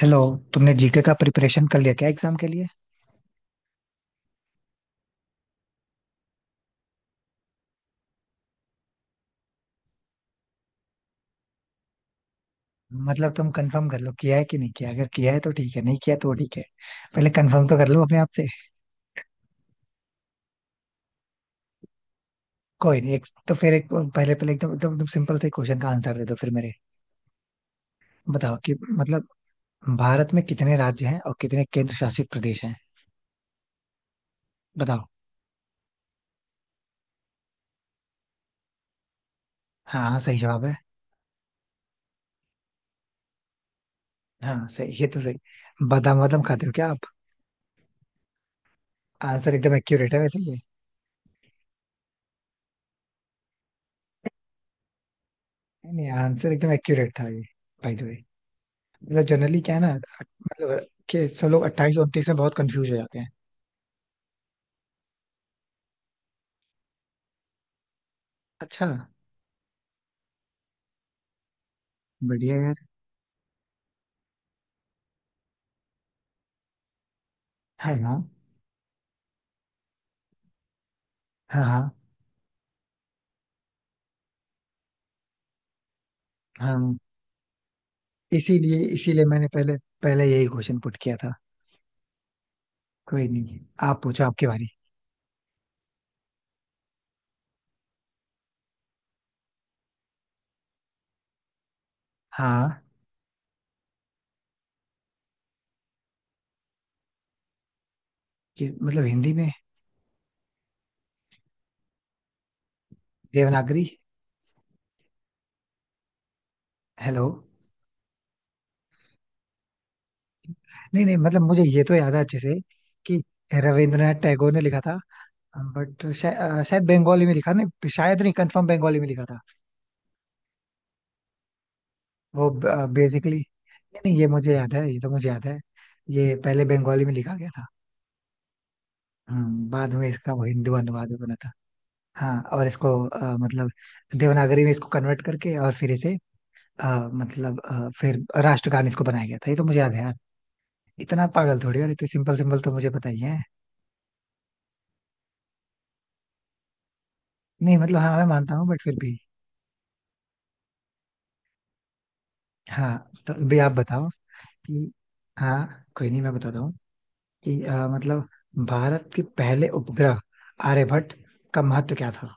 Hello. तुमने GK का preparation कर लिया क्या एग्जाम के लिए? मतलब तुम कंफर्म कर लो किया है कि नहीं किया। अगर किया है तो ठीक है, नहीं किया तो ठीक है। पहले कंफर्म तो कर लो अपने आप से। कोई नहीं। एक तो फिर एक पहले पहले एकदम एकदम एकदम सिंपल से क्वेश्चन का आंसर दे दो फिर मेरे। बताओ कि मतलब भारत में कितने राज्य हैं और कितने केंद्र शासित प्रदेश हैं। बताओ। हाँ हाँ, सही जवाब है। हाँ सही, ये तो सही। बादाम वादाम खाते हो क्या आप? आंसर एकदम एक्यूरेट है वैसे ये। नहीं, आंसर एकदम एक्यूरेट था ये। बाय द वे, मतलब जनरली क्या है ना, मतलब कि सब लोग 28 29 में बहुत कंफ्यूज हो जाते हैं। अच्छा। बढ़िया यार। हाँ हाँ। हाँ हाँ। हाँ। इसीलिए इसीलिए मैंने पहले, पहले यही क्वेश्चन पुट किया था। कोई नहीं। आप पूछो, आपकी बारी। हाँ, कि मतलब हिंदी में। देवनागरी। हेलो। नहीं नहीं, मतलब मुझे ये तो याद है अच्छे से कि रविंद्रनाथ टैगोर ने लिखा था। बट शायद बंगाली में लिखा, नहीं शायद, नहीं कंफर्म, बंगाली में लिखा था वो। बेसिकली नहीं नहीं, ये मुझे याद है, ये तो मुझे याद है। ये पहले बंगाली में लिखा गया था। बाद में इसका वो हिंदी अनुवाद भी बना था। हाँ और इसको मतलब देवनागरी में इसको कन्वर्ट करके और फिर इसे अ, मतलब फिर राष्ट्रगान इसको बनाया गया था। ये तो मुझे याद है यार। इतना पागल थोड़ी यार, इतने सिंपल सिंपल तो मुझे पता ही है। नहीं मतलब हाँ, मैं मानता हूँ बट फिर भी। हाँ, तो भी आप बताओ कि। हाँ कोई नहीं, मैं बता रहा हूँ कि मतलब भारत के पहले उपग्रह आर्यभट्ट का महत्व क्या था।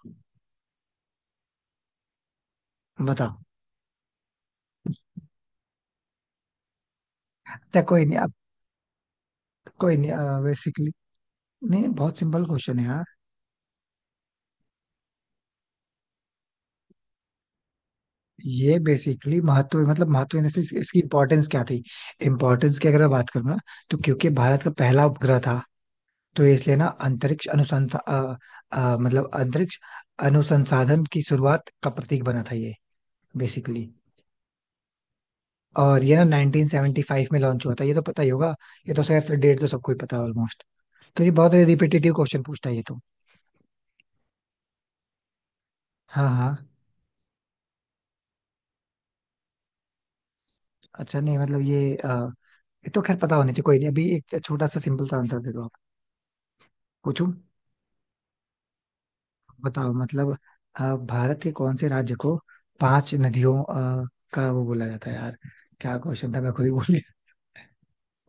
बताओ। अच्छा, कोई नहीं अब। कोई नहीं बेसिकली। नहीं, बहुत सिंपल क्वेश्चन है यार। ये बेसिकली महत्व मतलब महत्व इन इसकी इसकी इम्पोर्टेंस क्या थी। इम्पोर्टेंस की अगर मैं बात करूँ ना, तो क्योंकि भारत का पहला उपग्रह था तो इसलिए ना अंतरिक्ष अनुसंधान, मतलब अंतरिक्ष अनुसंसाधन की शुरुआत का प्रतीक बना था ये बेसिकली। और ये ना 1975 में लॉन्च हुआ था, ये तो पता ही होगा। ये तो शायद डेट तो सबको ही पता है ऑलमोस्ट, क्योंकि बहुत रिपीटेटिव क्वेश्चन पूछता है ये तो। हाँ हाँ। अच्छा नहीं, मतलब ये तो खैर पता होनी चाहिए। कोई नहीं, अभी एक छोटा सा सिंपल सा आंसर दे दो आप। पूछूं। बताओ मतलब भारत के कौन से राज्य को पांच नदियों का वो बोला जाता है यार? क्या क्वेश्चन था मैं खुद ही भूल गया।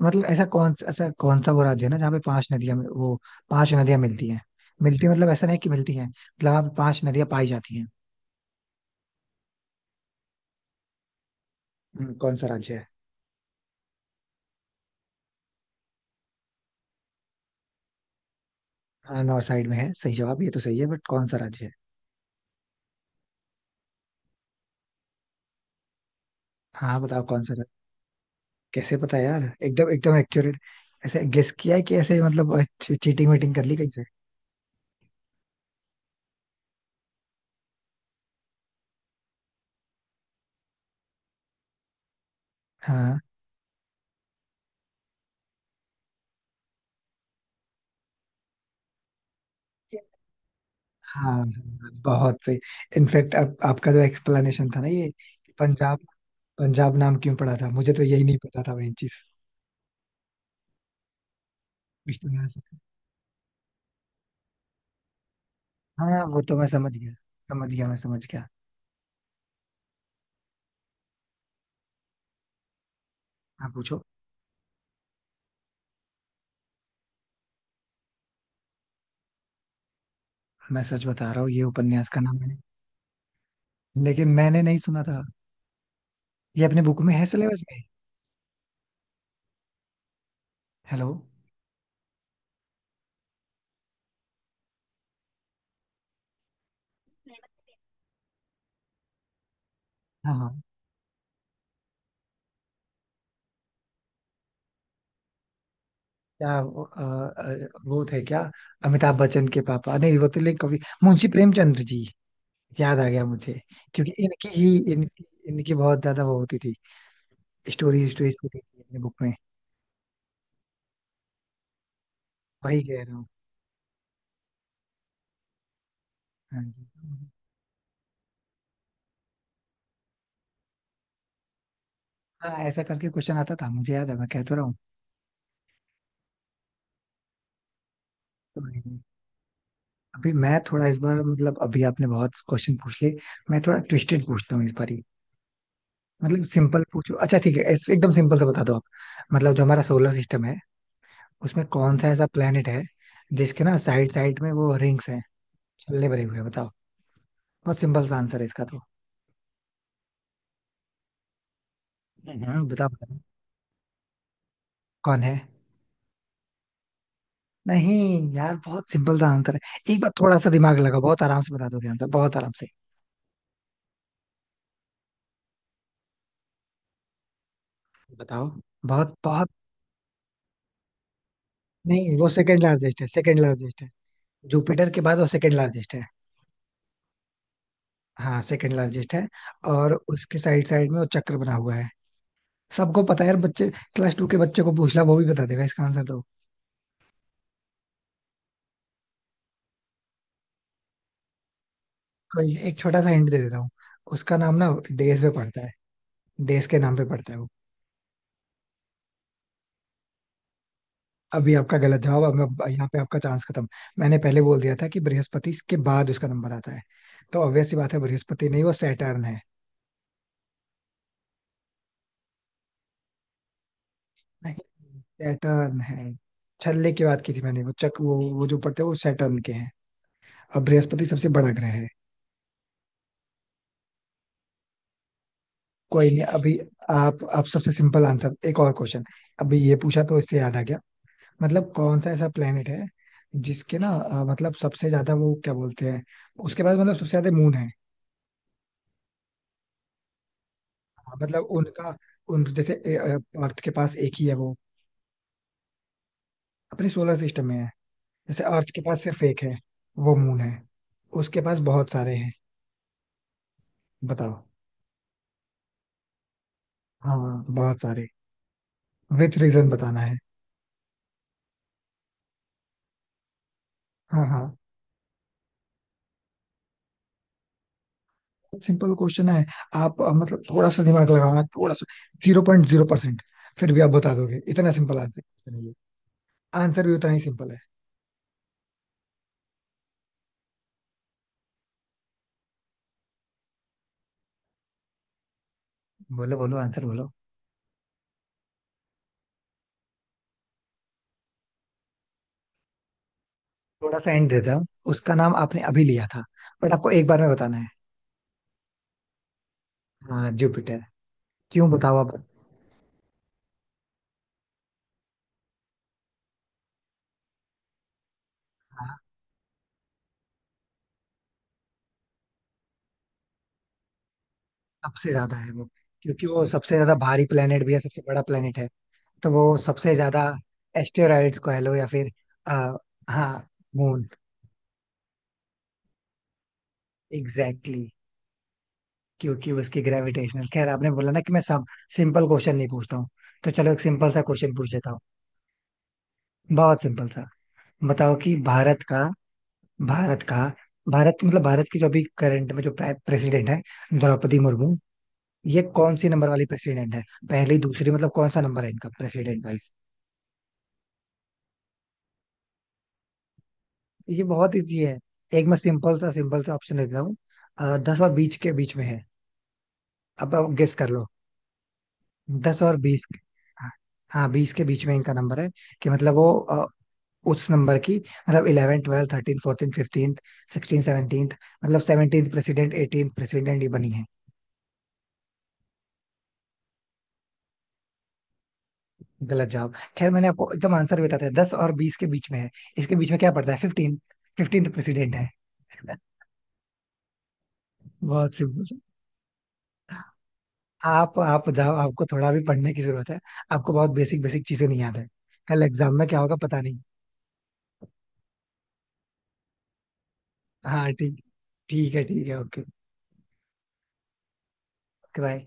मतलब ऐसा कौन सा वो राज्य है ना जहाँ पे पांच नदियां वो पांच नदियां मिलती हैं? मिलती मतलब ऐसा नहीं कि मिलती हैं, मतलब वहाँ पे पांच नदियां पाई जाती हैं। कौन सा राज्य है? हाँ नॉर्थ साइड में है, सही जवाब, ये तो सही है बट कौन सा राज्य है? हाँ बताओ कौन सा। कैसे पता यार, एकदम एकदम एक्यूरेट! ऐसे गेस किया है कि ऐसे मतलब चीटिंग वीटिंग कर ली कहीं से? हाँ हाँ। हाँ, बहुत सही। इनफैक्ट अब आपका जो एक्सप्लेनेशन था ना ये कि पंजाब, पंजाब नाम क्यों पड़ा था, मुझे तो यही नहीं पता था वही चीज। हाँ हाँ, वो तो मैं समझ गया, समझ गया मैं, समझ गया। आप पूछो। मैं सच बता रहा हूँ ये उपन्यास का नाम मैंने, लेकिन मैंने नहीं सुना था। ये अपने बुक में है सिलेबस में? हेलो। हाँ हाँ। क्या वो अ, अ, वो थे क्या अमिताभ बच्चन के पापा? नहीं वो तो, लेकिन कवि मुंशी प्रेमचंद्र जी, याद आ गया मुझे। क्योंकि इनकी ही इनकी इनकी बहुत ज्यादा वो होती थी, स्टोरी स्टोरी होती थी अपने बुक में। वही कह रहा हूँ। हाँ जी। हाँ, ऐसा करके क्वेश्चन आता था, मुझे याद है, मैं कह तो रहा हूँ। तो अभी मैं थोड़ा इस बार, मतलब अभी आपने बहुत क्वेश्चन पूछ लिए, मैं थोड़ा ट्विस्टेड पूछता हूँ इस बार ही। मतलब सिंपल पूछो, अच्छा ठीक है, ऐसे एकदम सिंपल से बता दो आप। मतलब जो हमारा सोलर सिस्टम है, उसमें कौन सा ऐसा प्लेनेट है जिसके ना साइड साइड में वो रिंग्स हैं, छल्ले भरे हुए हैं? बताओ। बहुत सिंपल सा आंसर है इसका तो। हाँ बता बता, कौन है? नहीं यार, बहुत सिंपल सा आंसर है, एक बार थोड़ा सा दिमाग लगाओ, बहुत आराम से बता दोगे आंसर, बहुत आराम से। बताओ, बहुत बहुत। नहीं, वो सेकंड लार्जेस्ट है, सेकंड लार्जेस्ट है, जुपिटर के बाद वो सेकंड लार्जेस्ट है। हाँ, सेकंड लार्जेस्ट है। और उसके साइड साइड में वो चक्र बना हुआ है। सबको पता है यार, बच्चे क्लास टू के बच्चे को पूछ ला, वो भी बता देगा इसका आंसर। कोई एक छोटा सा हिंट दे देता हूँ। उसका नाम ना देश पे पड़ता है, देश के नाम पे पड़ता है वो। अभी आपका गलत जवाब अब। यहाँ पे आपका चांस खत्म। मैंने पहले बोल दिया था कि बृहस्पति के बाद उसका नंबर आता है, तो ऑब्वियस सी बात है, बृहस्पति नहीं, वो सैटर्न है। नहीं, सैटर्न है। छल्ले की बात की थी मैंने, वो चक वो जो पड़ते हैं वो सैटर्न के हैं। अब बृहस्पति सबसे बड़ा ग्रह है। कोई नहीं अभी। आप सबसे सिंपल आंसर, एक और क्वेश्चन। अभी ये पूछा तो इससे याद आ गया, मतलब कौन सा ऐसा प्लेनेट है जिसके ना मतलब सबसे ज्यादा वो क्या बोलते हैं, उसके पास मतलब सबसे ज्यादा मून है? हाँ, मतलब उनका, उन जैसे अर्थ के पास एक ही है वो। अपने सोलर सिस्टम में है। जैसे अर्थ के पास सिर्फ एक है, वो मून है। उसके पास बहुत सारे हैं। बताओ। हाँ बहुत सारे। विथ रीजन बताना है। हाँ हाँ। सिंपल क्वेश्चन है। आप मतलब थोड़ा सा दिमाग लगाना, थोड़ा सा जीरो पॉइंट जीरो परसेंट फिर भी आप बता दोगे, इतना सिंपल आंसर नहीं है, आंसर भी उतना ही सिंपल है। बोलो बोलो, आंसर बोलो। थोड़ा सा हिंट देता हूँ, उसका नाम आपने अभी लिया था बट आपको एक बार में बताना है। हाँ जुपिटर। क्यों बताओ आप। हाँ सबसे ज्यादा है वो, क्योंकि वो सबसे ज्यादा भारी प्लेनेट भी है, सबसे बड़ा प्लेनेट है, तो वो सबसे ज्यादा एस्टेरॉइड्स को कह लो या फिर, आ, हाँ मून। एग्जैक्टली exactly, क्योंकि उसकी ग्रेविटेशनल। खैर आपने बोला ना कि मैं सब सिंपल क्वेश्चन नहीं पूछता हूँ, तो चलो एक सिंपल सा क्वेश्चन पूछ लेता हूँ, बहुत सिंपल सा। बताओ कि भारत का भारत मतलब भारत की जो अभी करंट में जो प्रेसिडेंट है, द्रौपदी मुर्मू, ये कौन सी नंबर वाली प्रेसिडेंट है? पहली, दूसरी, मतलब कौन सा नंबर है इनका प्रेसिडेंट वाइज? ये बहुत इजी है। एक मैं सिंपल सा ऑप्शन देता हूँ, 10 और 20 के बीच में है, अब आप गेस कर लो। दस और बीस के- हाँ हाँ, बीस के बीच में इनका नंबर है। कि मतलब वो उस नंबर की मतलब eleven twelfth thirteen fourteen fifteen sixteen seventeen, मतलब सेवनटीन प्रेसिडेंट, एटीन प्रेसिडेंट ये बनी है? गलत जवाब, खैर मैंने आपको एकदम आंसर बता दिया, दस और बीस के बीच में है, इसके बीच में क्या पड़ता है, फिफ्टीन, फिफ्टीन तो प्रेसिडेंट है। बहुत सिंपल। आप जाओ, आपको थोड़ा भी पढ़ने की जरूरत है। आपको बहुत बेसिक बेसिक चीजें नहीं याद है, कल एग्जाम में क्या होगा पता नहीं। हाँ ठीक। ठीक है, ठीक है, ओके। बाय।